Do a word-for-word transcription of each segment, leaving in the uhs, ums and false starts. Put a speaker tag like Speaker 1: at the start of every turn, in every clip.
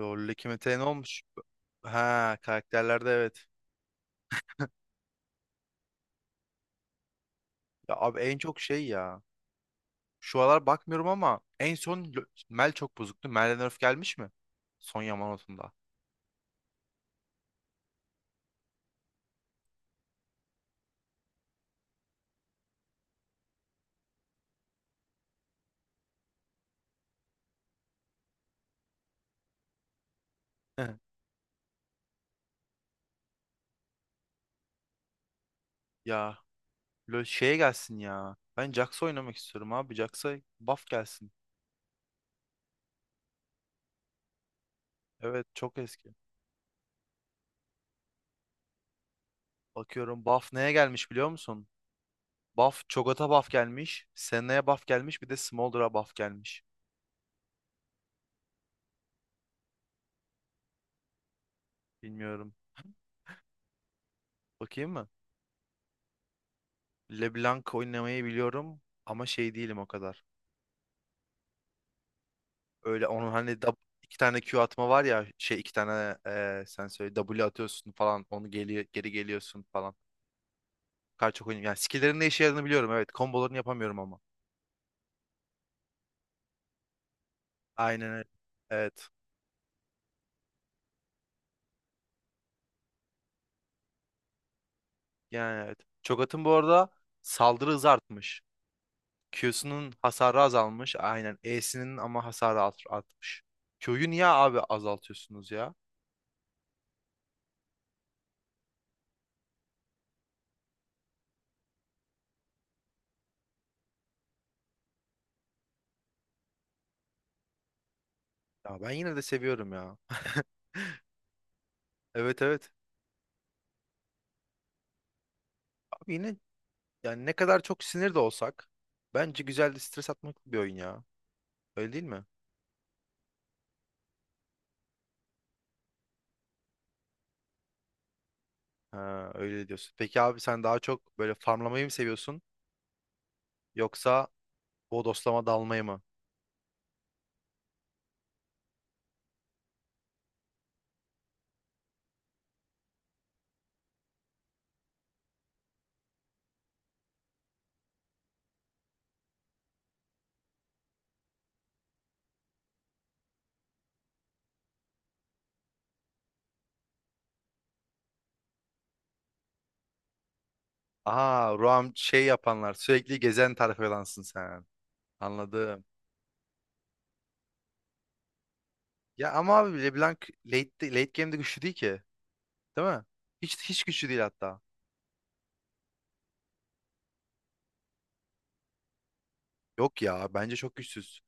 Speaker 1: LoL'deki meta ne olmuş? Ha, karakterlerde evet. Ya abi en çok şey ya. Şu aralar bakmıyorum ama en son Lo- Mel çok bozuktu. Mel'den nerf gelmiş mi? Son Yamanote'unda. Ya LoL şeye gelsin ya. Ben Jax'a oynamak istiyorum abi. Jax'a buff gelsin. Evet çok eski. Bakıyorum buff neye gelmiş biliyor musun? Buff Cho'Gath'a buff gelmiş. Senna'ya buff gelmiş. Bir de Smolder'a buff gelmiş. Bilmiyorum. Bakayım mı? LeBlanc oynamayı biliyorum ama şey değilim o kadar. Öyle onun hani dab- iki tane Q atma var ya şey iki tane e, sen söyle W atıyorsun falan onu geri geri geliyorsun falan. Kar çok oynuyorum. Yani skill'lerin ne işe yaradığını biliyorum, evet. Kombolarını yapamıyorum ama. Aynen öyle. Evet. Yani evet. Çok atın bu arada saldırı hızı artmış. Q'sunun hasarı azalmış. Aynen. E'sinin ama hasarı art- artmış. Q'yu niye abi azaltıyorsunuz ya? Ya ben yine de seviyorum ya. Evet, evet. Abi yine yani ne kadar çok sinir de olsak bence güzel de stres atmak bir oyun ya. Öyle değil mi? Ha, öyle diyorsun. Peki abi sen daha çok böyle farmlamayı mı seviyorsun yoksa bodoslama dalmayı mı? Aha, Roam şey yapanlar, sürekli gezen tayfadansın sen. Anladım. Ya ama abi LeBlanc late, late game'de güçlü değil ki. Değil mi? Hiç hiç güçlü değil hatta. Yok ya, bence çok güçsüz.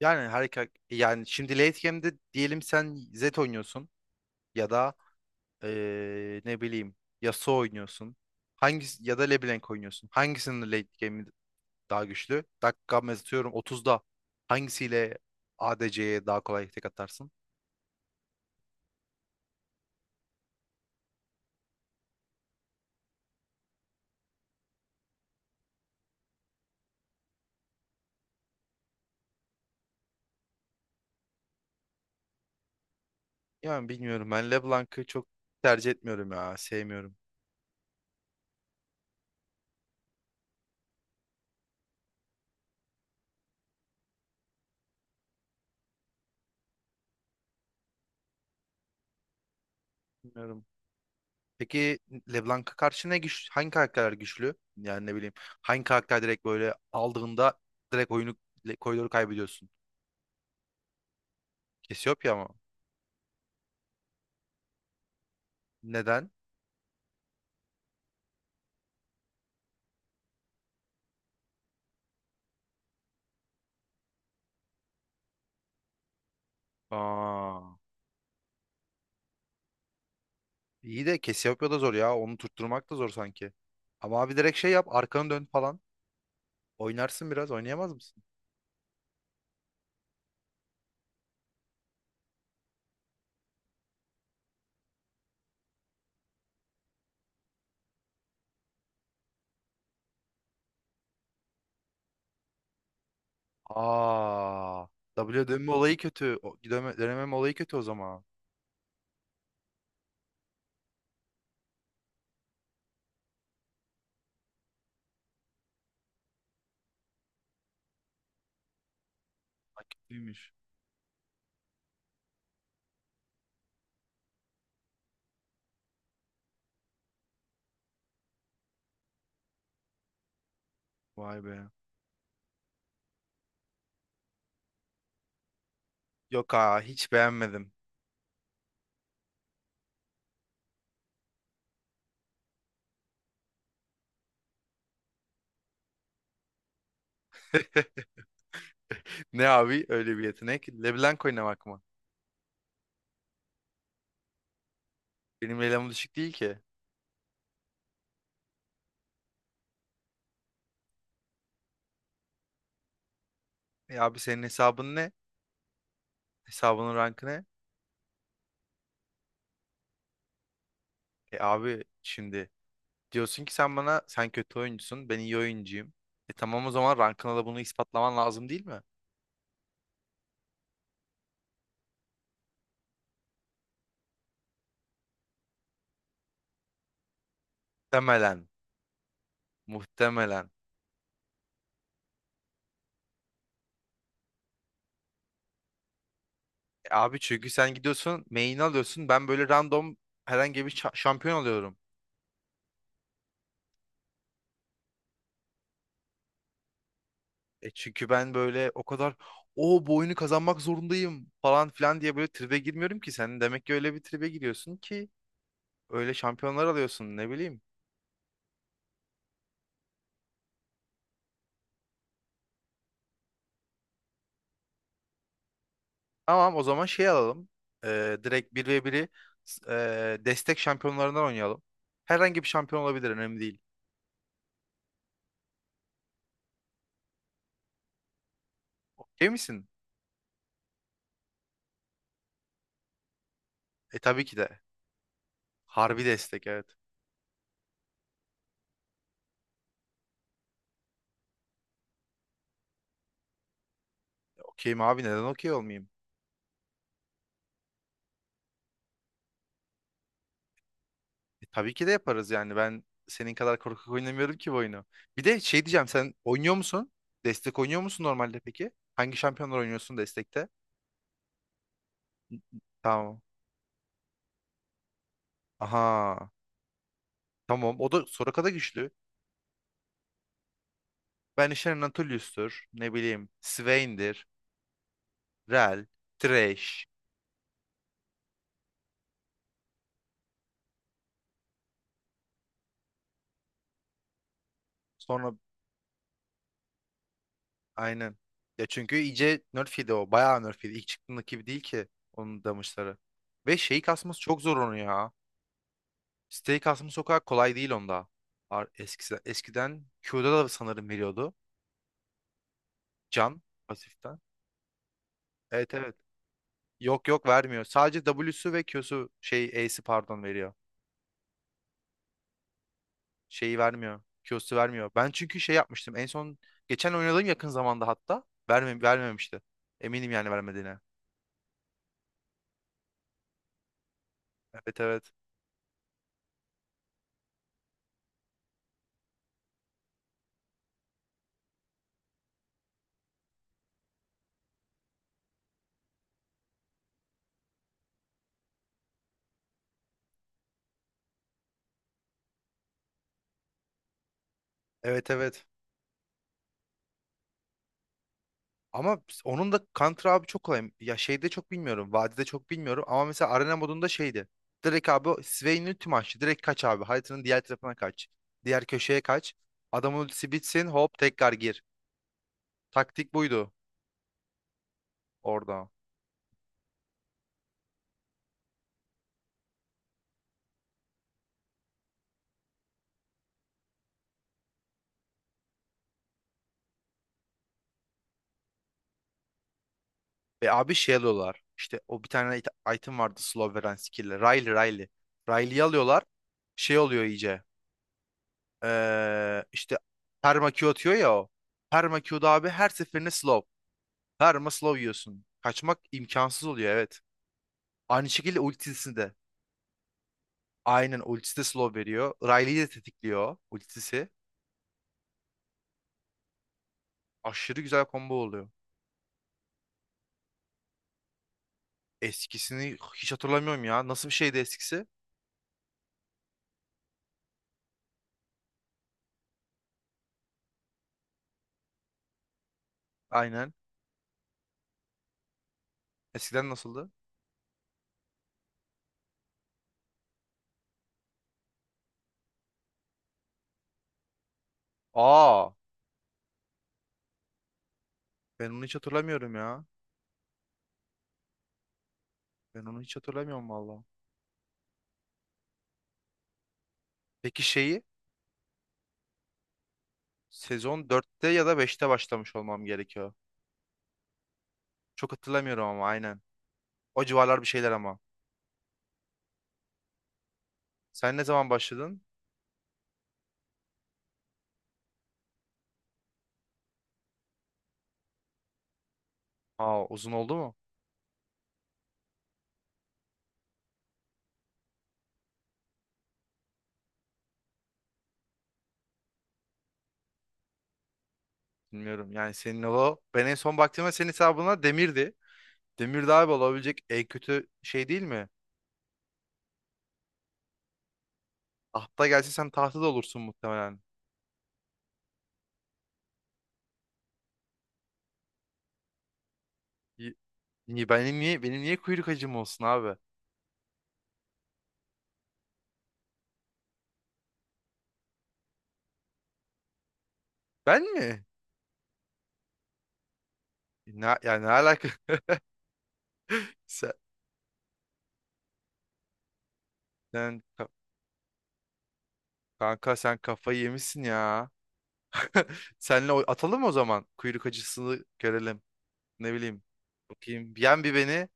Speaker 1: Yani harika yani şimdi late game'de diyelim sen Zed oynuyorsun ya da eee, ne bileyim Yasuo oynuyorsun. Hangisi ya da LeBlanc oynuyorsun. Hangisinin late game'i daha güçlü. Dakika atıyorum otuzda hangisiyle A D C'ye daha kolay tek atarsın? Yani bilmiyorum. Ben LeBlanc'ı çok tercih etmiyorum ya. Sevmiyorum. Bilmiyorum. Peki LeBlanc'a karşı ne güç, hangi karakterler güçlü? Yani ne bileyim. Hangi karakter direkt böyle aldığında direkt oyunu koridoru kaybediyorsun? Cassiopeia mı? Neden? Aa, iyi de Cassiopeia da zor ya. Onu tutturmak da zor sanki. Ama abi direkt şey yap. Arkanı dön falan. Oynarsın biraz. Oynayamaz mısın? Aa, W dönme olayı kötü. O, dönme, dönemem olayı kötü o zaman. Ha, kötüymüş. Vay be. Yok ha, hiç beğenmedim. Ne abi öyle bir yetenek? LeBlanc oynamak mı? Benim level'im düşük değil ki. E abi senin hesabın ne? Hesabının rankı ne? E abi şimdi diyorsun ki sen bana sen kötü oyuncusun ben iyi oyuncuyum. E tamam o zaman rankına da bunu ispatlaman lazım değil mi? Muhtemelen. Muhtemelen. E abi çünkü sen gidiyorsun main'i alıyorsun ben böyle random herhangi bir şa- şampiyon alıyorum. E çünkü ben böyle o kadar o bu oyunu kazanmak zorundayım falan filan diye böyle tribe girmiyorum ki. Sen demek ki öyle bir tribe giriyorsun ki öyle şampiyonlar alıyorsun ne bileyim. Tamam o zaman şey alalım. E, direkt bir ve bire e, destek şampiyonlarından oynayalım. Herhangi bir şampiyon olabilir, önemli değil. Okey misin? E tabii ki de. Harbi destek, evet. Okeyim abi, neden okey olmayayım? E, tabii ki de yaparız yani. Ben senin kadar korkak oynamıyorum ki bu oyunu. Bir de şey diyeceğim, sen oynuyor musun? Destek oynuyor musun normalde peki? Hangi şampiyonlar oynuyorsun destekte? Tamam. Aha. Tamam. O da Soraka da güçlü. Ben işte Anatolius'tur. Ne bileyim. Swain'dir. Rell. Thresh. Sonra aynen. Ya çünkü iyice nerf yedi o. Bayağı nerf yedi. İlk çıktığındaki gibi değil ki onun damage'ları. Ve şeyi kasması çok zor onu ya. Steak mı sokak kolay değil onda. Ar- Eskiden, eskiden Q'da da sanırım veriyordu. Can pasiften. Evet, evet. Yok, yok, vermiyor. Sadece W'su ve Q'su şey A'si pardon veriyor. Şeyi vermiyor. Q'su vermiyor. Ben çünkü şey yapmıştım. En son geçen oynadığım yakın zamanda hatta verme, vermemişti. Eminim yani vermediğine. Evet, evet. Evet, evet. Ama onun da Counter abi çok kolay. Ya şeyde çok bilmiyorum. Vadide çok bilmiyorum. Ama mesela arena modunda şeydi. Direkt abi Swain'in ulti açtı. Direkt kaç abi. Haritanın diğer tarafına kaç. Diğer köşeye kaç. Adamın ultisi bitsin. Hop tekrar gir. Taktik buydu orada. Ve abi şey alıyorlar. İşte o bir tane it- item vardı slow veren skill'le. Riley Riley. Riley'yi alıyorlar. Şey oluyor iyice. Ee, işte perma Q atıyor ya o. Perma Q'da abi her seferinde slow. Her slow yiyorsun. Kaçmak imkansız oluyor, evet. Aynı şekilde ultisini de. Aynen ultisi de slow veriyor. Riley'i de tetikliyor ultisi. Aşırı güzel combo oluyor. Eskisini hiç hatırlamıyorum ya. Nasıl bir şeydi eskisi? Aynen. Eskiden nasıldı? Aa, ben onu hiç hatırlamıyorum ya. Ben onu hiç hatırlamıyorum valla. Peki şeyi sezon dörtte ya da beşte başlamış olmam gerekiyor. Çok hatırlamıyorum ama aynen. O civarlar bir şeyler ama. Sen ne zaman başladın? Aa, uzun oldu mu? Bilmiyorum yani senin o ben en son baktığımda senin hesabına demirdi. Demir daha olabilecek en kötü şey değil mi? Tahta gelse sen tahta da olursun muhtemelen. Y- Niye benim niye benim niye kuyruk acım olsun abi? Ben mi? Ne, yani ne alaka? Sen, sen ka- kanka sen kafayı yemişsin ya. Senle o- atalım o zaman kuyruk acısını görelim. Ne bileyim. Bakayım. Yen bir beni.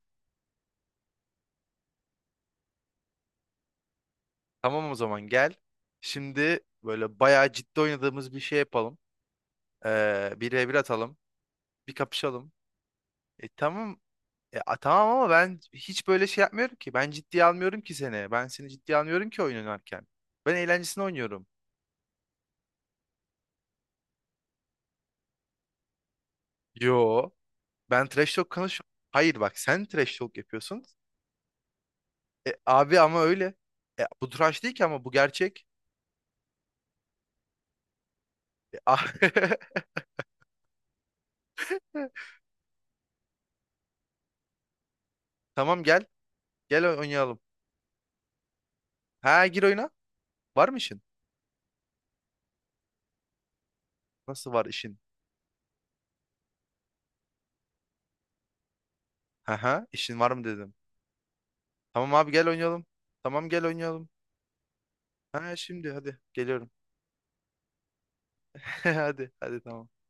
Speaker 1: Tamam o zaman gel. Şimdi böyle bayağı ciddi oynadığımız bir şey yapalım. Ee, bir v bir atalım. Bir kapışalım. E tamam. E, a- tamam ama ben hiç böyle şey yapmıyorum ki. Ben ciddiye almıyorum ki seni. Ben seni ciddiye almıyorum ki oyun oynarken. Ben eğlencesine oynuyorum. Yo. Ben trash talk konuş. Hayır bak sen trash talk yapıyorsun. E, abi ama öyle. E, bu trash değil ki ama bu gerçek. E, a- Tamam gel. Gel oy- oynayalım. Ha gir oyuna. Var mı işin? Nasıl var işin? Haha, işin var mı dedim. Tamam abi gel oynayalım. Tamam gel oynayalım. Ha şimdi hadi geliyorum. Hadi hadi tamam.